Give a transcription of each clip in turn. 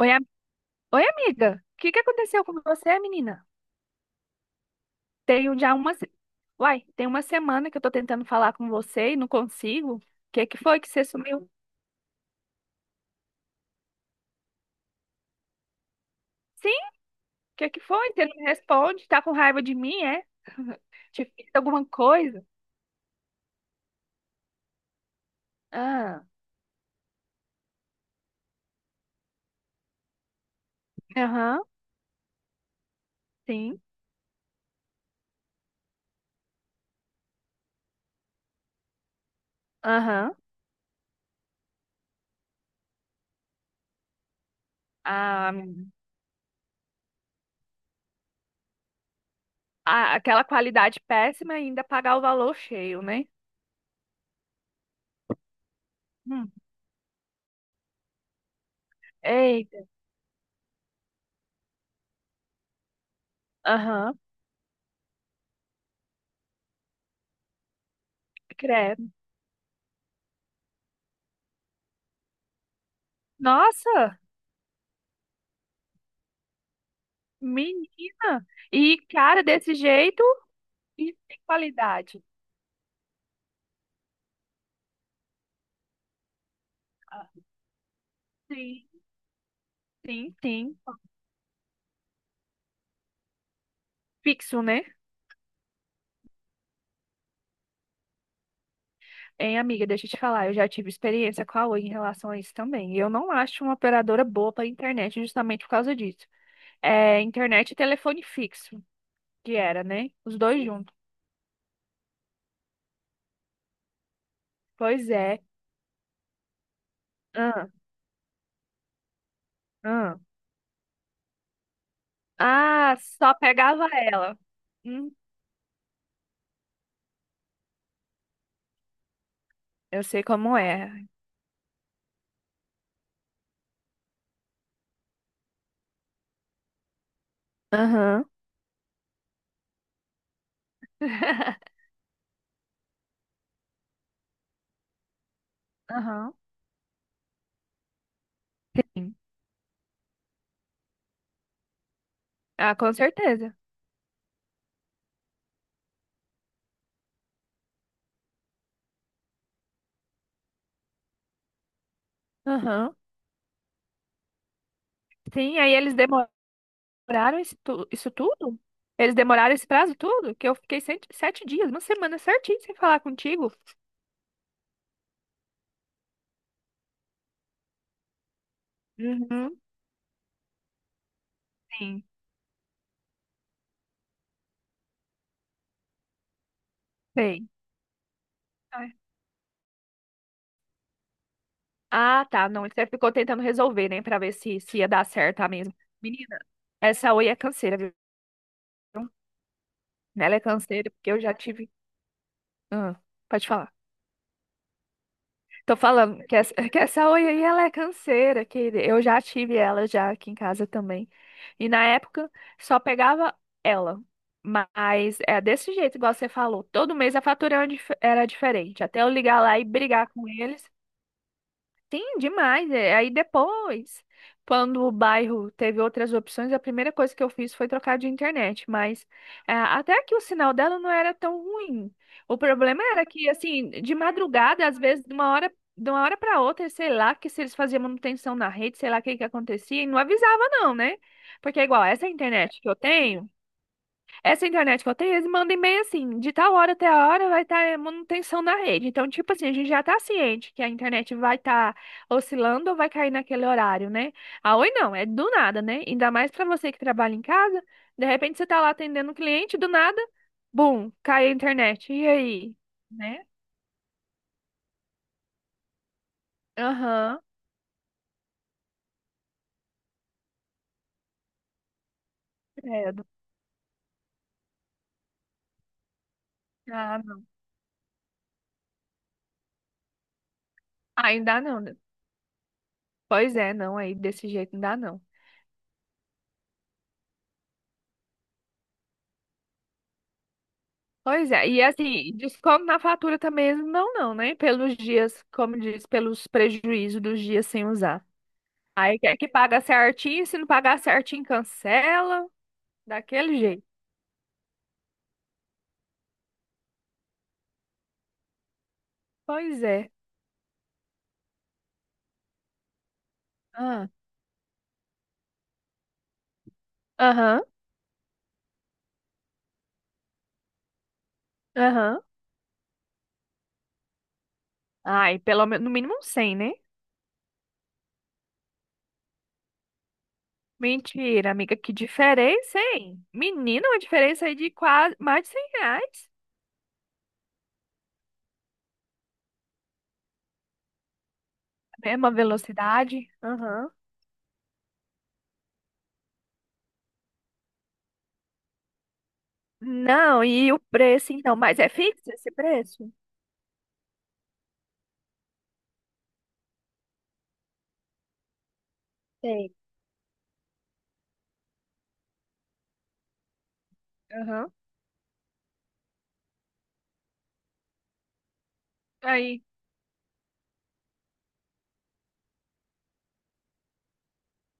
Oi, Oi, amiga. O que que aconteceu com você, menina? Tenho já uma. Se- Uai, tem uma semana que eu tô tentando falar com você e não consigo. O que que foi que você sumiu? Sim, o que que foi? Você não me responde? Tá com raiva de mim, é? Te fiz alguma coisa? Ah, aham, sim, aham. Ah, aquela qualidade péssima e ainda pagar o valor cheio, né? Hum, eita, aham, credo. Nossa, menina! E cara desse jeito. E tem qualidade. Ah, sim, sim, sim. Pixel, né? Hein, amiga, deixa eu te falar, eu já tive experiência com a Oi em relação a isso também. Eu não acho uma operadora boa para internet justamente por causa disso. É internet e telefone fixo, que era, né? Os dois juntos. Pois é. Ah, ah. Ah, só pegava ela. Hum, eu sei como é. Aham. Aham. Sim. Ah, com certeza. Aham. Sim, aí eles demoraram. Demoraram isso, isso tudo? Eles demoraram esse prazo tudo? Que eu fiquei sete, sete dias, uma semana certinho sem falar contigo. Uhum, sim. Sei. Ai. Ah, tá. Não, você ficou tentando resolver, né? Pra ver se, se ia dar certo, tá mesmo. Menina, essa Oi é canseira, viu? Ela é canseira, porque eu já tive. Ah, pode falar. Tô falando que essa Oi aí ela é canseira, que eu já tive ela já aqui em casa também. E na época só pegava ela. Mas é desse jeito, igual você falou. Todo mês a fatura era era diferente. Até eu ligar lá e brigar com eles. Sim, demais. É. Aí depois, quando o bairro teve outras opções, a primeira coisa que eu fiz foi trocar de internet. Mas é, até que o sinal dela não era tão ruim. O problema era que, assim, de madrugada, às vezes, de uma hora para outra, sei lá, que se eles faziam manutenção na rede, sei lá o que que acontecia, e não avisava, não, né? Porque é igual, essa internet que eu tenho. Essa internet que eu tenho, eles mandam e-mail assim, de tal hora até a hora vai estar manutenção na rede. Então, tipo assim, a gente já está ciente que a internet vai estar oscilando ou vai cair naquele horário, né? A Oi não, é do nada, né? Ainda mais para você que trabalha em casa, de repente você tá lá atendendo um cliente, do nada, bum, cai a internet. E aí? Né? Aham, credo. Ah, não. Ainda não. Né? Pois é, não, aí desse jeito não dá não. Pois é, e assim, desconto na fatura também eles não dão, não, né? Pelos dias, como diz, pelos prejuízos dos dias sem usar. Aí quer que paga certinho, se não pagar certinho, cancela, daquele jeito. Pois é. Ah, aham, aham. Ai, pelo menos, no mínimo um 100, né? Mentira, amiga, que diferença, hein? Menina, uma diferença aí de quase mais de R$ 100. Mesma velocidade. Aham. Não, e o preço, então, mas é fixo esse preço? Tem. Aham. Aí.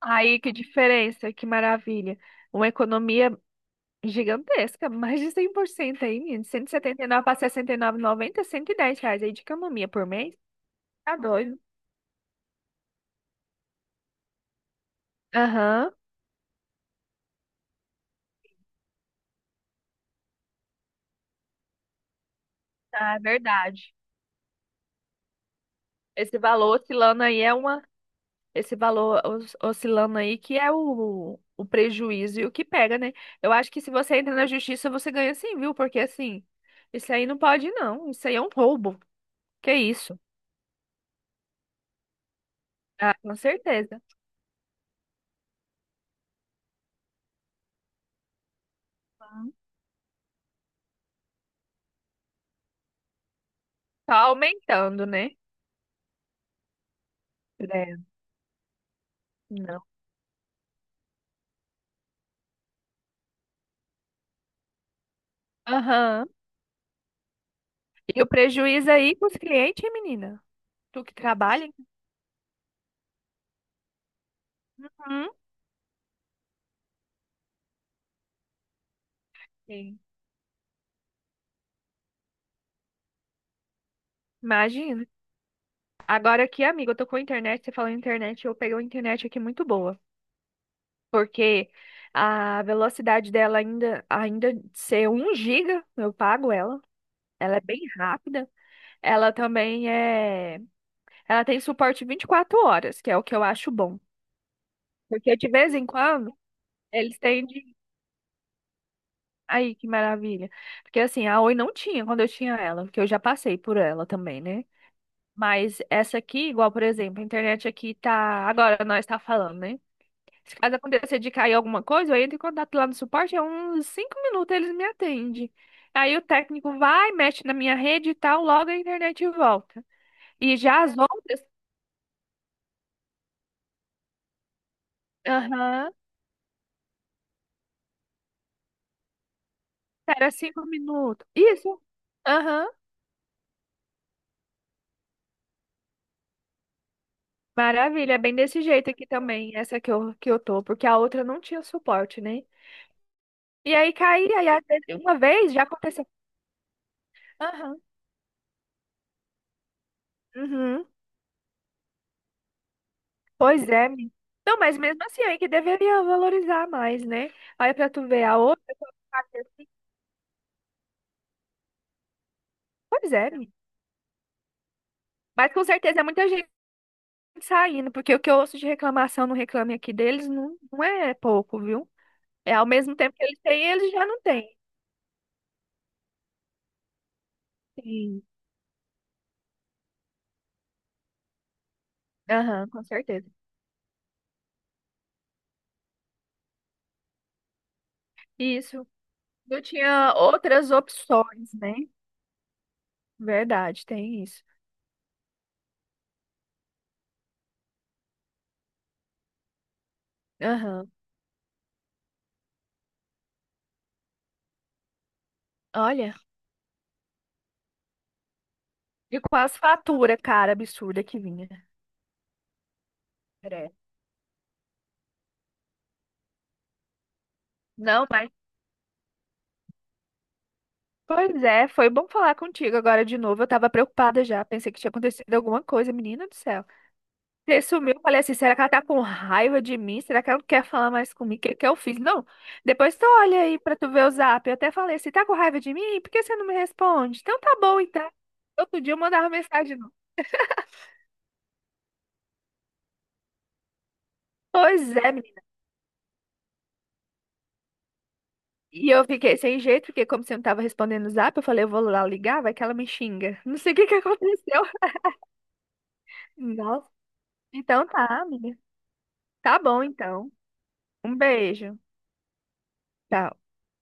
Aí, que diferença, que maravilha. Uma economia gigantesca, mais de 100% aí, menino. Cento e setenta e nove para sessenta e nove, e noventa, R$ 110 aí de camomia por mês. Tá doido. Aham, tá, é verdade. Esse valor oscilando aí é uma. Esse valor oscilando aí que é o prejuízo e o que pega, né? Eu acho que se você entra na justiça, você ganha sim, viu? Porque assim, isso aí não pode não. Isso aí é um roubo. Que isso? Ah, com certeza. Tá aumentando, né? Não. Aham. E o prejuízo aí com os clientes, hein, menina? Tu que trabalha? Hum? Sim. Imagina. Agora aqui, amiga, eu tô com a internet, você falou em internet, eu peguei uma internet aqui muito boa, porque a velocidade dela ainda ser um giga, eu pago ela. Ela é bem rápida. Ela também é, ela tem suporte 24 horas, que é o que eu acho bom, porque de vez em quando eles têm. Aí, que maravilha. Porque assim, a Oi não tinha quando eu tinha ela, porque eu já passei por ela também, né? Mas essa aqui, igual, por exemplo, a internet aqui tá. Agora nós tá falando, né? Se caso acontecer de cair alguma coisa, eu entro em contato lá no suporte, é uns 5 minutos eles me atendem. Aí o técnico vai, mexe na minha rede e tal, logo a internet volta. E já as outras, aham, era 5 minutos. Isso, aham. Maravilha, é bem desse jeito aqui também, essa que eu tô, porque a outra não tinha suporte, né? E aí caía, e às vezes, uma vez já aconteceu. Aham. Uhum. Pois é, menina. Não, mas mesmo assim, aí que deveria valorizar mais, né? Aí pra tu ver a outra. Pois é, menina. Mas com certeza é muita gente saindo, porque o que eu ouço de reclamação no Reclame Aqui deles não, não é pouco, viu? É ao mesmo tempo que eles têm, eles já não têm. Sim. Aham, com certeza. Isso. Eu tinha outras opções, né? Verdade, tem isso. Aham. Olha. De quase fatura, cara, absurda que vinha. É. Não, mas. Pois é, foi bom falar contigo agora de novo. Eu tava preocupada já. Pensei que tinha acontecido alguma coisa, menina do céu. Você sumiu, eu falei assim: será que ela tá com raiva de mim? Será que ela não quer falar mais comigo? O que que eu fiz? Não. Depois tu olha aí pra tu ver o zap. Eu até falei assim: tá com raiva de mim? Por que você não me responde? Então tá bom, então. Outro dia eu mandava mensagem. Não. Pois é, menina. E eu fiquei sem jeito, porque como você não tava respondendo o zap, eu falei: eu vou lá ligar, vai que ela me xinga. Não sei o que que aconteceu. Nossa. Então tá, amiga. Tá bom, então. Um beijo. Tchau.